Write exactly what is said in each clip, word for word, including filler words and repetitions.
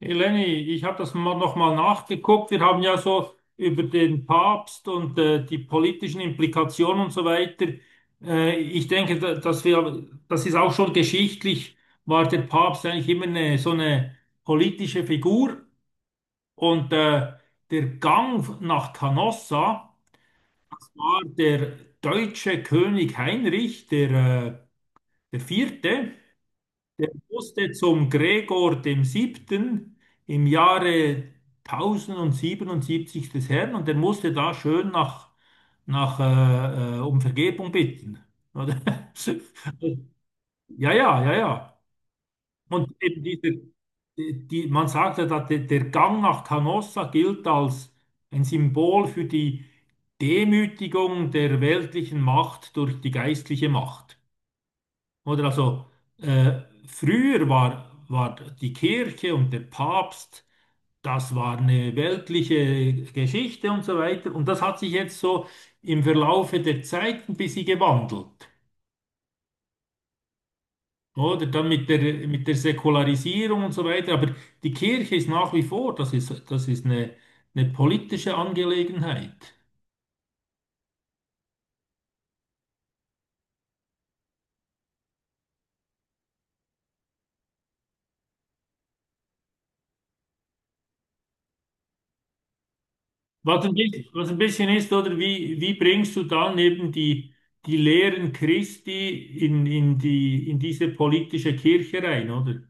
Eleni, ich habe das mal nochmal nachgeguckt. Wir haben ja so über den Papst und äh, die politischen Implikationen und so weiter. Äh, ich denke, da- dass wir, das ist auch schon geschichtlich, war der Papst eigentlich immer eine, so eine politische Figur. Und äh, der Gang nach Canossa, das war der deutsche König Heinrich, der, äh, der Vierte. Der musste zum Gregor dem Siebten im Jahre tausendsiebenundsiebzig des Herrn und der musste da schön nach, nach äh, äh, um Vergebung bitten. Oder? Ja, ja, ja, ja. Und eben dieser, die, die- man sagt ja, dass der, der Gang nach Canossa gilt als ein Symbol für die Demütigung der weltlichen Macht durch die geistliche Macht. Oder also äh, früher war, war die Kirche und der Papst, das war eine weltliche Geschichte und so weiter. Und das hat sich jetzt so im Verlaufe der Zeit ein bisschen gewandelt. Oder dann mit der, mit der Säkularisierung und so weiter. Aber die Kirche ist nach wie vor, das ist, das ist eine, eine politische Angelegenheit. Was ein bisschen, was ein bisschen ist, oder wie, wie bringst du dann eben die, die Lehren Christi in, in die, in diese politische Kirche rein, oder?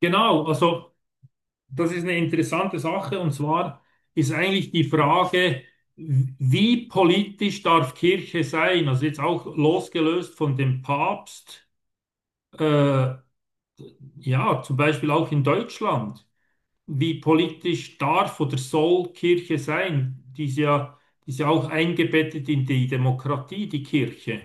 Genau, also das ist eine interessante Sache und zwar ist eigentlich die Frage, wie politisch darf Kirche sein? Also jetzt auch losgelöst von dem Papst, äh, ja, zum Beispiel auch in Deutschland. Wie politisch darf oder soll Kirche sein? Die ist ja, die ist ja auch eingebettet in die Demokratie, die Kirche.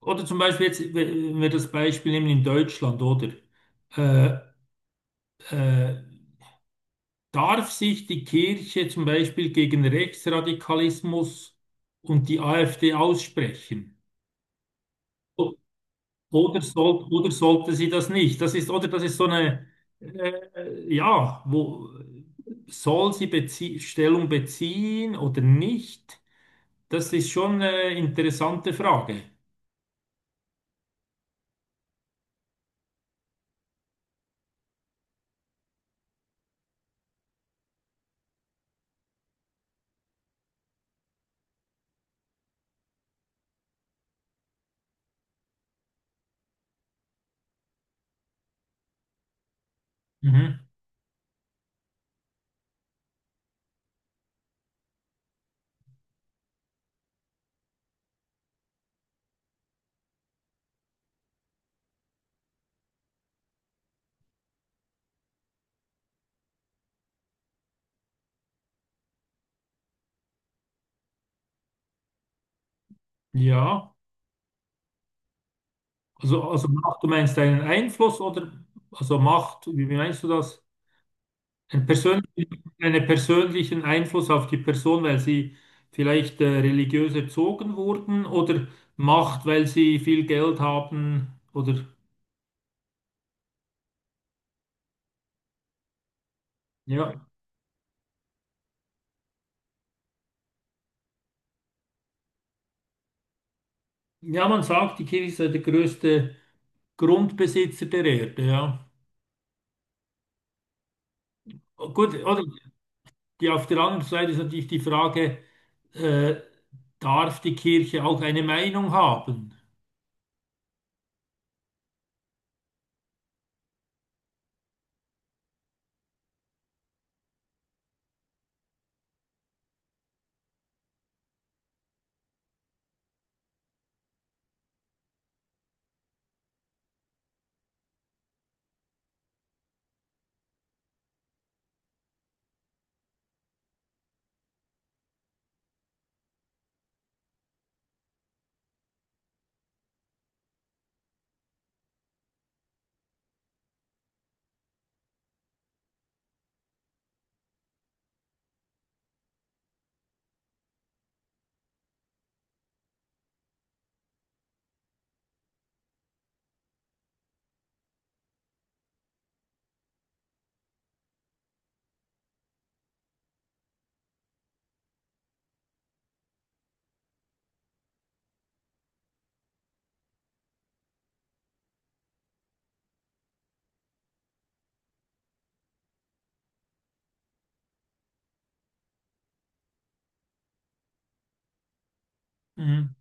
Oder zum Beispiel jetzt, wenn wir das Beispiel nehmen in Deutschland, oder? Äh, äh, darf sich die Kirche zum Beispiel gegen Rechtsradikalismus und die AfD aussprechen? Oder, soll, oder sollte sie das nicht? Das ist, oder das ist so eine, äh, ja, wo soll sie bezie Stellung beziehen oder nicht? Das ist schon eine interessante Frage. Mhm. Ja, also, also Macht, du meinst einen Einfluss oder also Macht, wie wie meinst du das? Ein persönlichen, einen persönlichen Einfluss auf die Person, weil sie vielleicht äh, religiös erzogen wurden oder Macht, weil sie viel Geld haben oder ja. Ja, man sagt, die Kirche sei der größte Grundbesitzer der Erde, ja. Gut, oder die, auf der anderen Seite ist natürlich die Frage, äh, darf die Kirche auch eine Meinung haben? Mhm.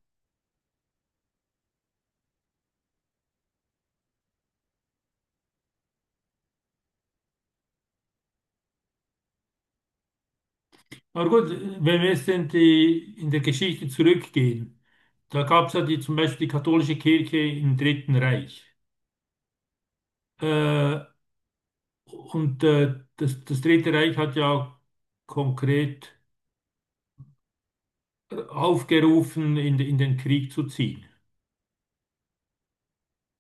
Aber gut, wenn wir jetzt in die, in der Geschichte zurückgehen, da gab es ja die, zum Beispiel die katholische Kirche im Dritten Reich. Äh, und äh, das, das Dritte Reich hat ja konkret äh, aufgerufen, in, in den Krieg zu ziehen.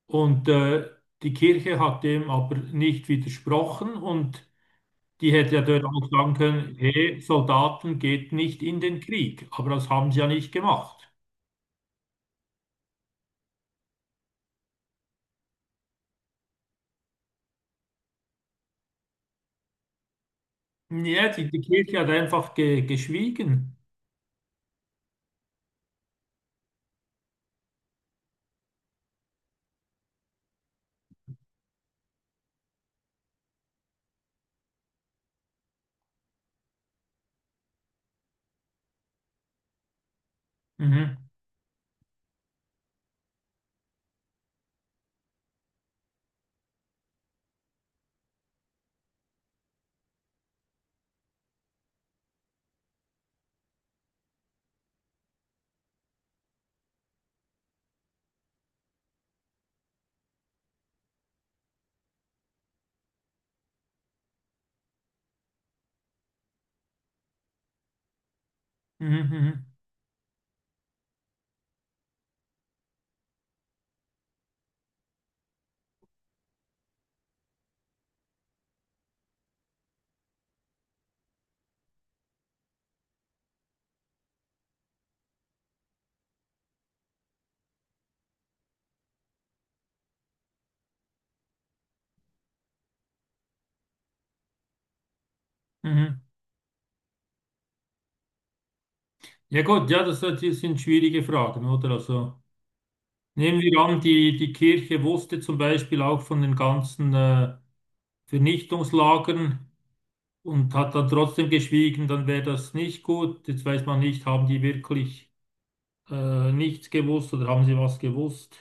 Und äh, die Kirche hat dem aber nicht widersprochen und die hätte ja dort auch sagen können, hey, Soldaten geht nicht in den Krieg. Aber das haben sie ja nicht gemacht. Ja, die, die Kirche hat einfach ge, geschwiegen. Mhm. Mhm. Mhm. Mhm. Ja gut, ja, das, das sind schwierige Fragen, oder? Also nehmen wir an, die, die Kirche wusste zum Beispiel auch von den ganzen äh, Vernichtungslagern. Und hat dann trotzdem geschwiegen, dann wäre das nicht gut. Jetzt weiß man nicht, haben die wirklich äh, nichts gewusst oder haben sie was gewusst?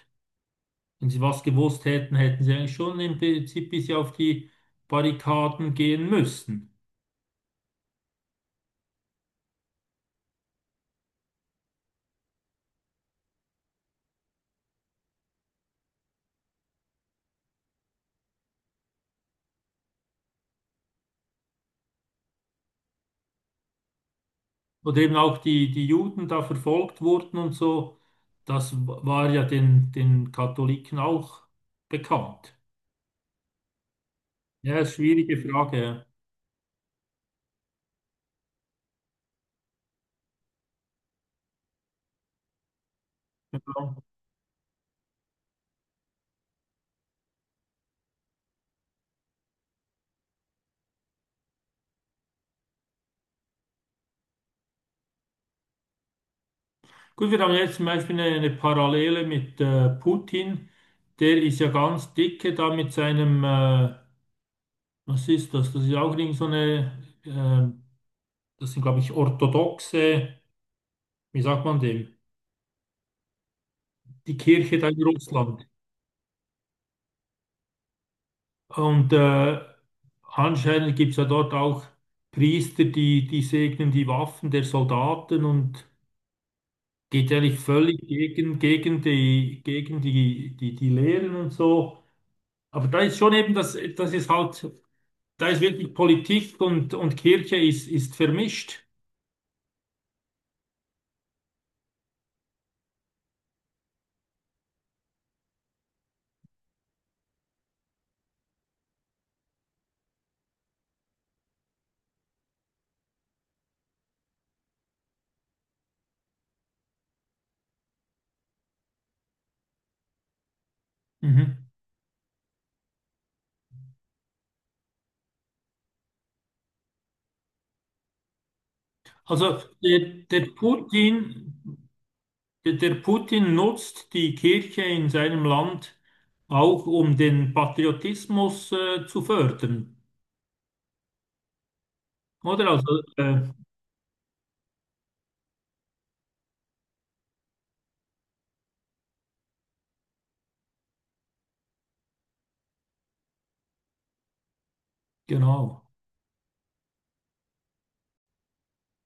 Wenn sie was gewusst hätten, hätten sie eigentlich schon im Prinzip bis auf die Barrikaden gehen müssen. Oder eben auch die, die Juden da verfolgt wurden und so, das war ja den, den Katholiken auch bekannt. Ja, ist eine schwierige Frage. Ja. Gut, wir haben jetzt zum Beispiel eine, eine Parallele mit äh, Putin. Der ist ja ganz dicke da mit seinem, äh, was ist das? Das ist auch irgend so eine, äh, das sind, glaube ich, orthodoxe, wie sagt man dem? Die Kirche da in Russland. Und äh, anscheinend gibt es ja dort auch Priester, die, die segnen die Waffen der Soldaten und geht eigentlich völlig gegen, gegen die, gegen die, die, die Lehren und so. Aber da ist schon eben das, das ist halt. Da ist wirklich Politik und, und Kirche ist, ist vermischt. Mhm. Also der, der Putin, der, der Putin nutzt die Kirche in seinem Land auch, um den Patriotismus äh, zu fördern. Oder? Also, äh, genau.